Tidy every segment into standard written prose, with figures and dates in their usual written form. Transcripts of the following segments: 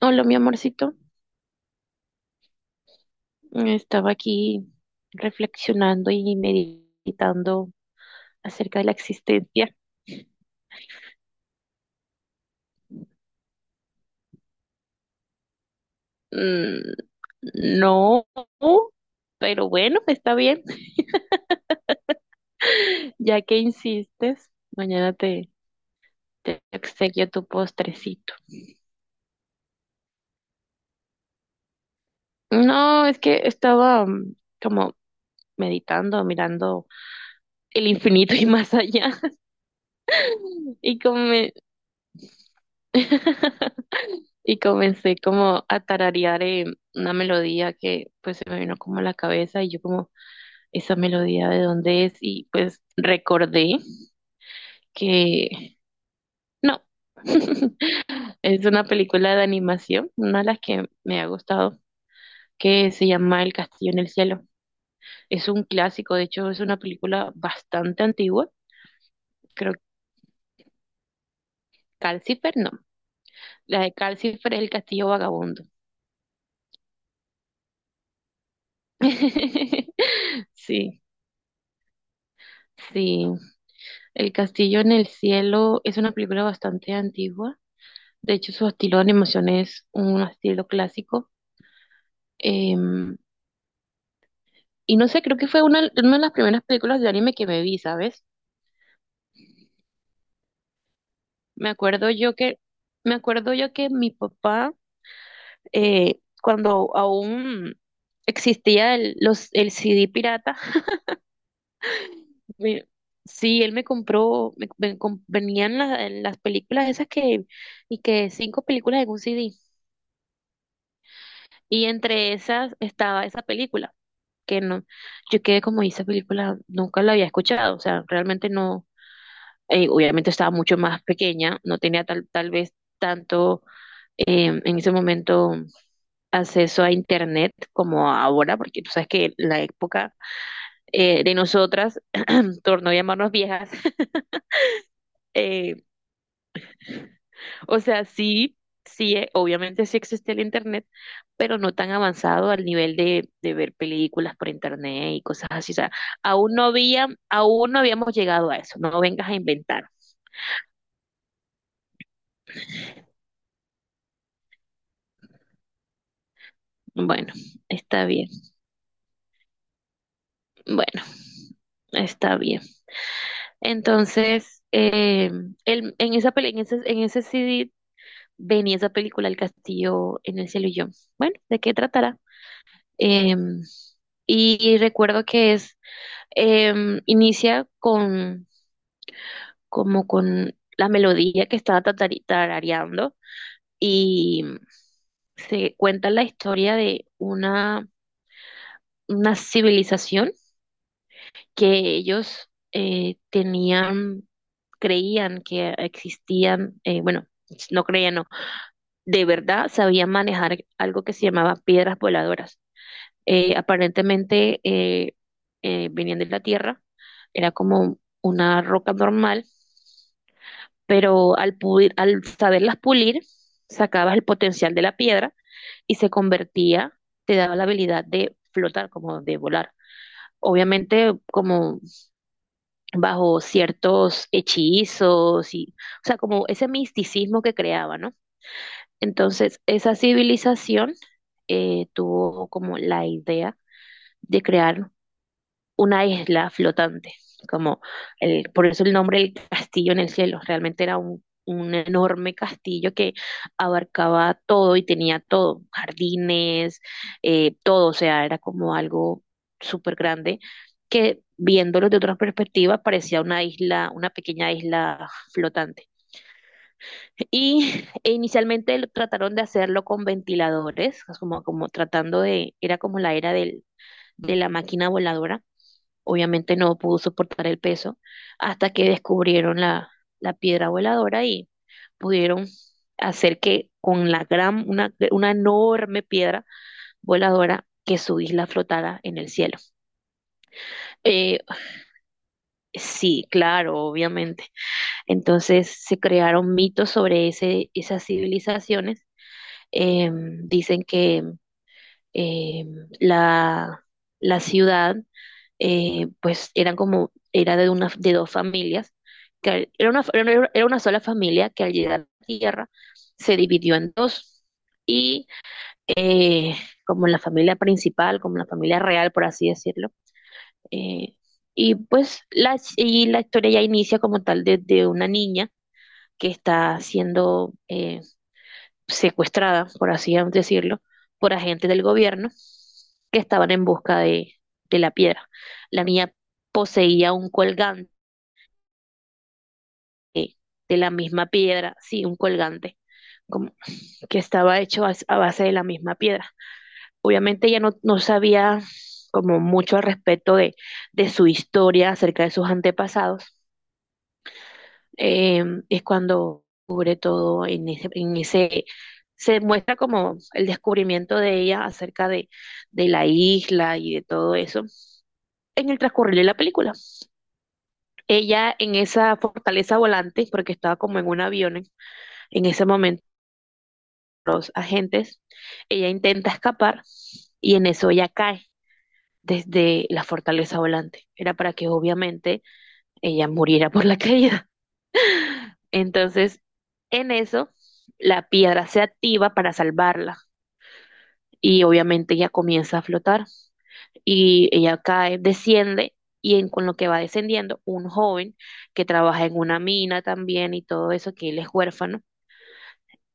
Hola, mi amorcito. Estaba aquí reflexionando y meditando acerca de la existencia. Mm, no, pero bueno, está bien. Ya que insistes, mañana te obsequio tu postrecito. No, es que estaba como meditando, mirando el infinito y más allá. Y como me... Y comencé como a tararear una melodía que pues se me vino como a la cabeza y yo como, ¿esa melodía de dónde es? Y pues recordé que no, es una película de animación, una de las que me ha gustado, que se llama El Castillo en el Cielo. Es un clásico, de hecho es una película bastante antigua, creo que Calcifer no, la de Calcifer es El Castillo Vagabundo. Sí, sí. El Castillo en el Cielo es una película bastante antigua. De hecho, su estilo de animación es un estilo clásico. Em, y no sé, creo que fue una de las primeras películas de anime que me vi, ¿sabes? Me acuerdo yo que, me acuerdo yo que mi papá, cuando aún existía el CD pirata, me- sí, él me compró, venían las películas esas que, y que cinco películas en un CD. Y entre esas estaba esa película. Que no, yo quedé como "¿Y esa película, nunca la había escuchado, o sea, realmente no, obviamente estaba mucho más pequeña, no tenía tal, tal vez tanto en ese momento acceso a internet como ahora, porque tú sabes que la época de nosotras, torno a llamarnos viejas, eh, o sea, sí, sí, obviamente sí existe el internet, pero no tan avanzado al nivel de ver películas por internet y cosas así. O sea, aún no había, aún no habíamos llegado a eso. No vengas a inventar. Bueno, está bien. Bueno, está bien. Entonces, en esa en en ese CD venía esa película El Castillo en el cielo y yo. Bueno, ¿de qué tratará? Em, y recuerdo que es, inicia con como con la melodía que estaba tarareando y se cuenta la historia de una civilización que ellos tenían, creían que existían, bueno, no creían, no, de verdad sabían manejar algo que se llamaba piedras voladoras. Aparentemente venían de la Tierra, era como una roca normal pero al saberlas pulir, sacabas el potencial de la piedra y se convertía, te daba la habilidad de flotar, como de volar. Obviamente, como bajo ciertos hechizos y, o sea, como ese misticismo que creaba, ¿no? Entonces, esa civilización tuvo como la idea de crear una isla flotante, como el, por eso el nombre del castillo en el cielo, realmente era un enorme castillo que abarcaba todo y tenía todo, jardines, todo, o sea, era como algo súper grande que viéndolo de otra perspectiva parecía una isla, una pequeña isla flotante. Y e inicialmente trataron de hacerlo con ventiladores, como, como tratando de, era como la era de la máquina voladora. Obviamente no pudo soportar el peso hasta que descubrieron la piedra voladora y pudieron hacer que con la una enorme piedra voladora que su isla flotara en el cielo. Eh, sí, claro, obviamente. Entonces se crearon mitos sobre ese, esas civilizaciones. Eh, dicen que eh, la, la ciudad pues eran como, era de, una, de dos familias, que era era una sola familia que al llegar a la Tierra se dividió en dos y eh, como la familia principal, como la familia real, por así decirlo. eh, y pues la, y la historia ya inicia como tal desde una niña que está siendo... secuestrada, por así decirlo, por agentes del gobierno que estaban en busca de la piedra. La niña poseía un colgante de la misma piedra, sí, un colgante como- que estaba hecho a base de la misma piedra. Obviamente ella no, no sabía como mucho al respecto de su historia acerca de sus antepasados, es cuando cubre todo en en ese, se muestra como el descubrimiento de ella acerca de la isla y de todo eso en el transcurrir de la película. Ella en esa fortaleza volante, porque estaba como en un avión en ese momento, los agentes, ella intenta escapar y en eso ella cae desde la fortaleza volante. Era para que obviamente ella muriera por la caída. Entonces, en eso, la piedra se activa para salvarla y obviamente ella comienza a flotar y ella cae, desciende y en, con lo que va descendiendo, un joven que trabaja en una mina también y todo eso, que él es huérfano,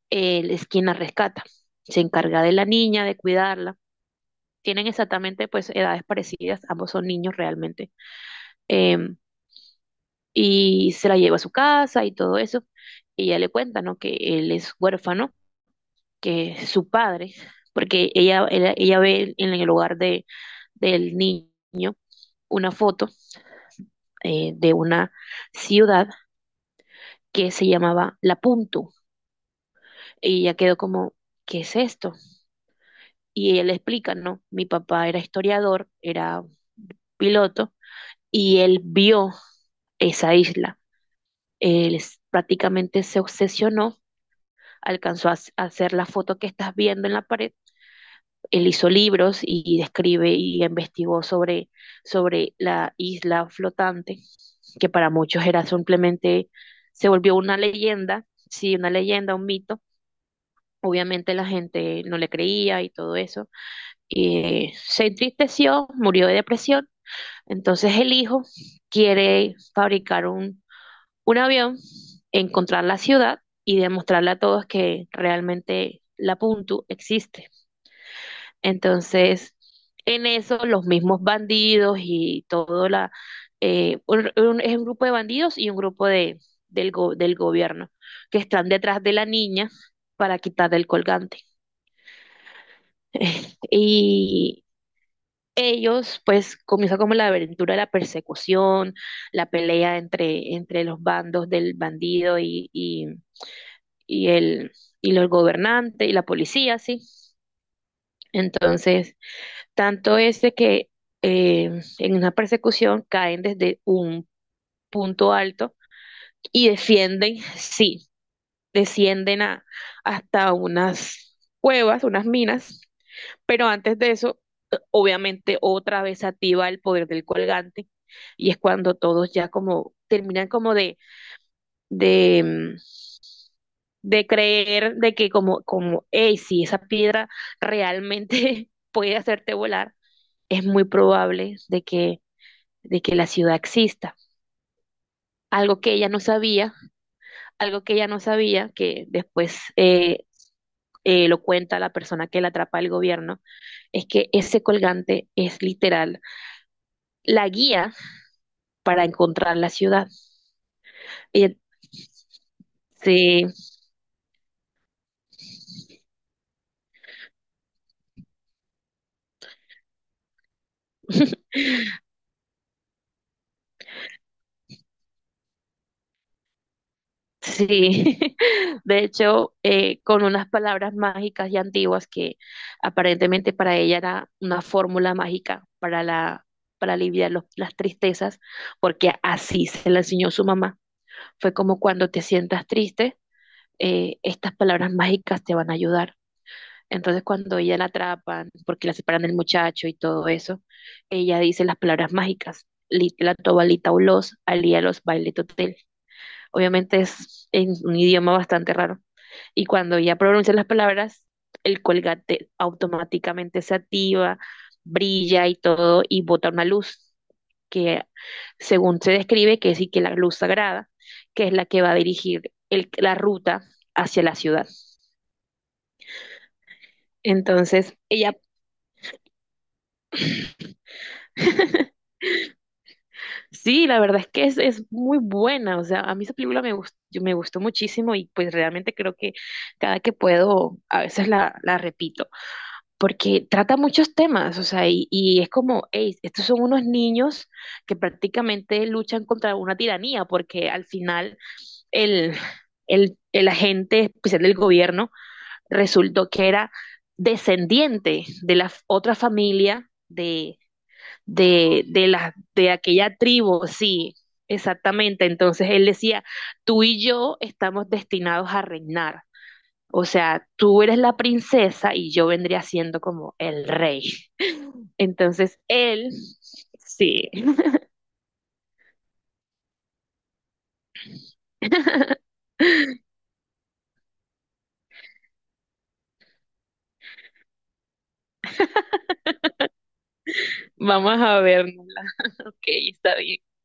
él es quien la rescata, se encarga de la niña, de cuidarla. Tienen exactamente pues edades parecidas, ambos son niños realmente. Em, y se la lleva a su casa y todo eso. Y ella le cuenta, ¿no? Que él es huérfano que su padre, porque ella ve en el hogar de, del niño una foto de una ciudad que se llamaba La Puntu. Y ella quedó como, ¿qué es esto? Y ella le explica, no, mi papá era historiador, era piloto, y él vio esa isla. Él prácticamente se obsesionó, alcanzó a hacer la foto que estás viendo en la pared. Él hizo libros y describe y investigó sobre, sobre la isla flotante, que para muchos era simplemente, se volvió una leyenda, sí, una leyenda, un mito. Obviamente la gente no le creía y todo eso. Y se entristeció, murió de depresión. Entonces el hijo quiere fabricar un avión, encontrar la ciudad y demostrarle a todos que realmente la Puntu existe. Entonces, en eso los mismos bandidos y todo la es un grupo de bandidos y un grupo de del gobierno que están detrás de la niña para quitarle el colgante. Y ellos, pues, comienza como la aventura de la persecución, la pelea entre los bandos del bandido y el, y los gobernantes y la policía, ¿sí? Entonces, tanto es de que en una persecución caen desde un punto alto y defienden, sí, descienden a, hasta unas cuevas, unas minas, pero antes de eso, obviamente otra vez se activa el poder del colgante y es cuando todos ya como terminan como de, mm, de creer de que como, como, hey, si esa piedra realmente puede hacerte volar, es muy probable de que la ciudad exista. Algo que ella no sabía, algo que ella no sabía, que después lo cuenta la persona que la atrapa el gobierno, es que ese colgante es literal la guía para encontrar la ciudad. Ella sí, sí. De hecho, con unas palabras mágicas y antiguas que aparentemente para ella era una fórmula mágica para para aliviar las tristezas, porque así se la enseñó su mamá. Fue como cuando te sientas triste, estas palabras mágicas te van a ayudar. Entonces cuando ella la atrapan, porque la separan del muchacho y todo eso, ella dice las palabras mágicas, "Lit- la tobalita ulos, alía los baile totel. Obviamente es en un idioma bastante raro, y cuando ya pronuncia las palabras, el colgate automáticamente se activa, brilla y todo, y bota una luz que, según se describe, que es y que la luz sagrada, que es la que va a dirigir la ruta hacia la ciudad. Entonces, ella, sí, la verdad es que es muy buena, o sea, a mí esa película me gustó muchísimo y pues realmente creo que cada que puedo, a veces la repito. Porque trata muchos temas, o sea, y es como, "Ey, estos son unos niños que prácticamente luchan contra una tiranía, porque al final el, el agente especial del gobierno resultó que era descendiente de la otra familia de aquella tribu, sí, exactamente. Entonces él decía, tú y yo estamos destinados a reinar. O sea, tú eres la princesa y yo vendría siendo como el rey. Entonces él, sí, vamos a vernos. Ok, está bien.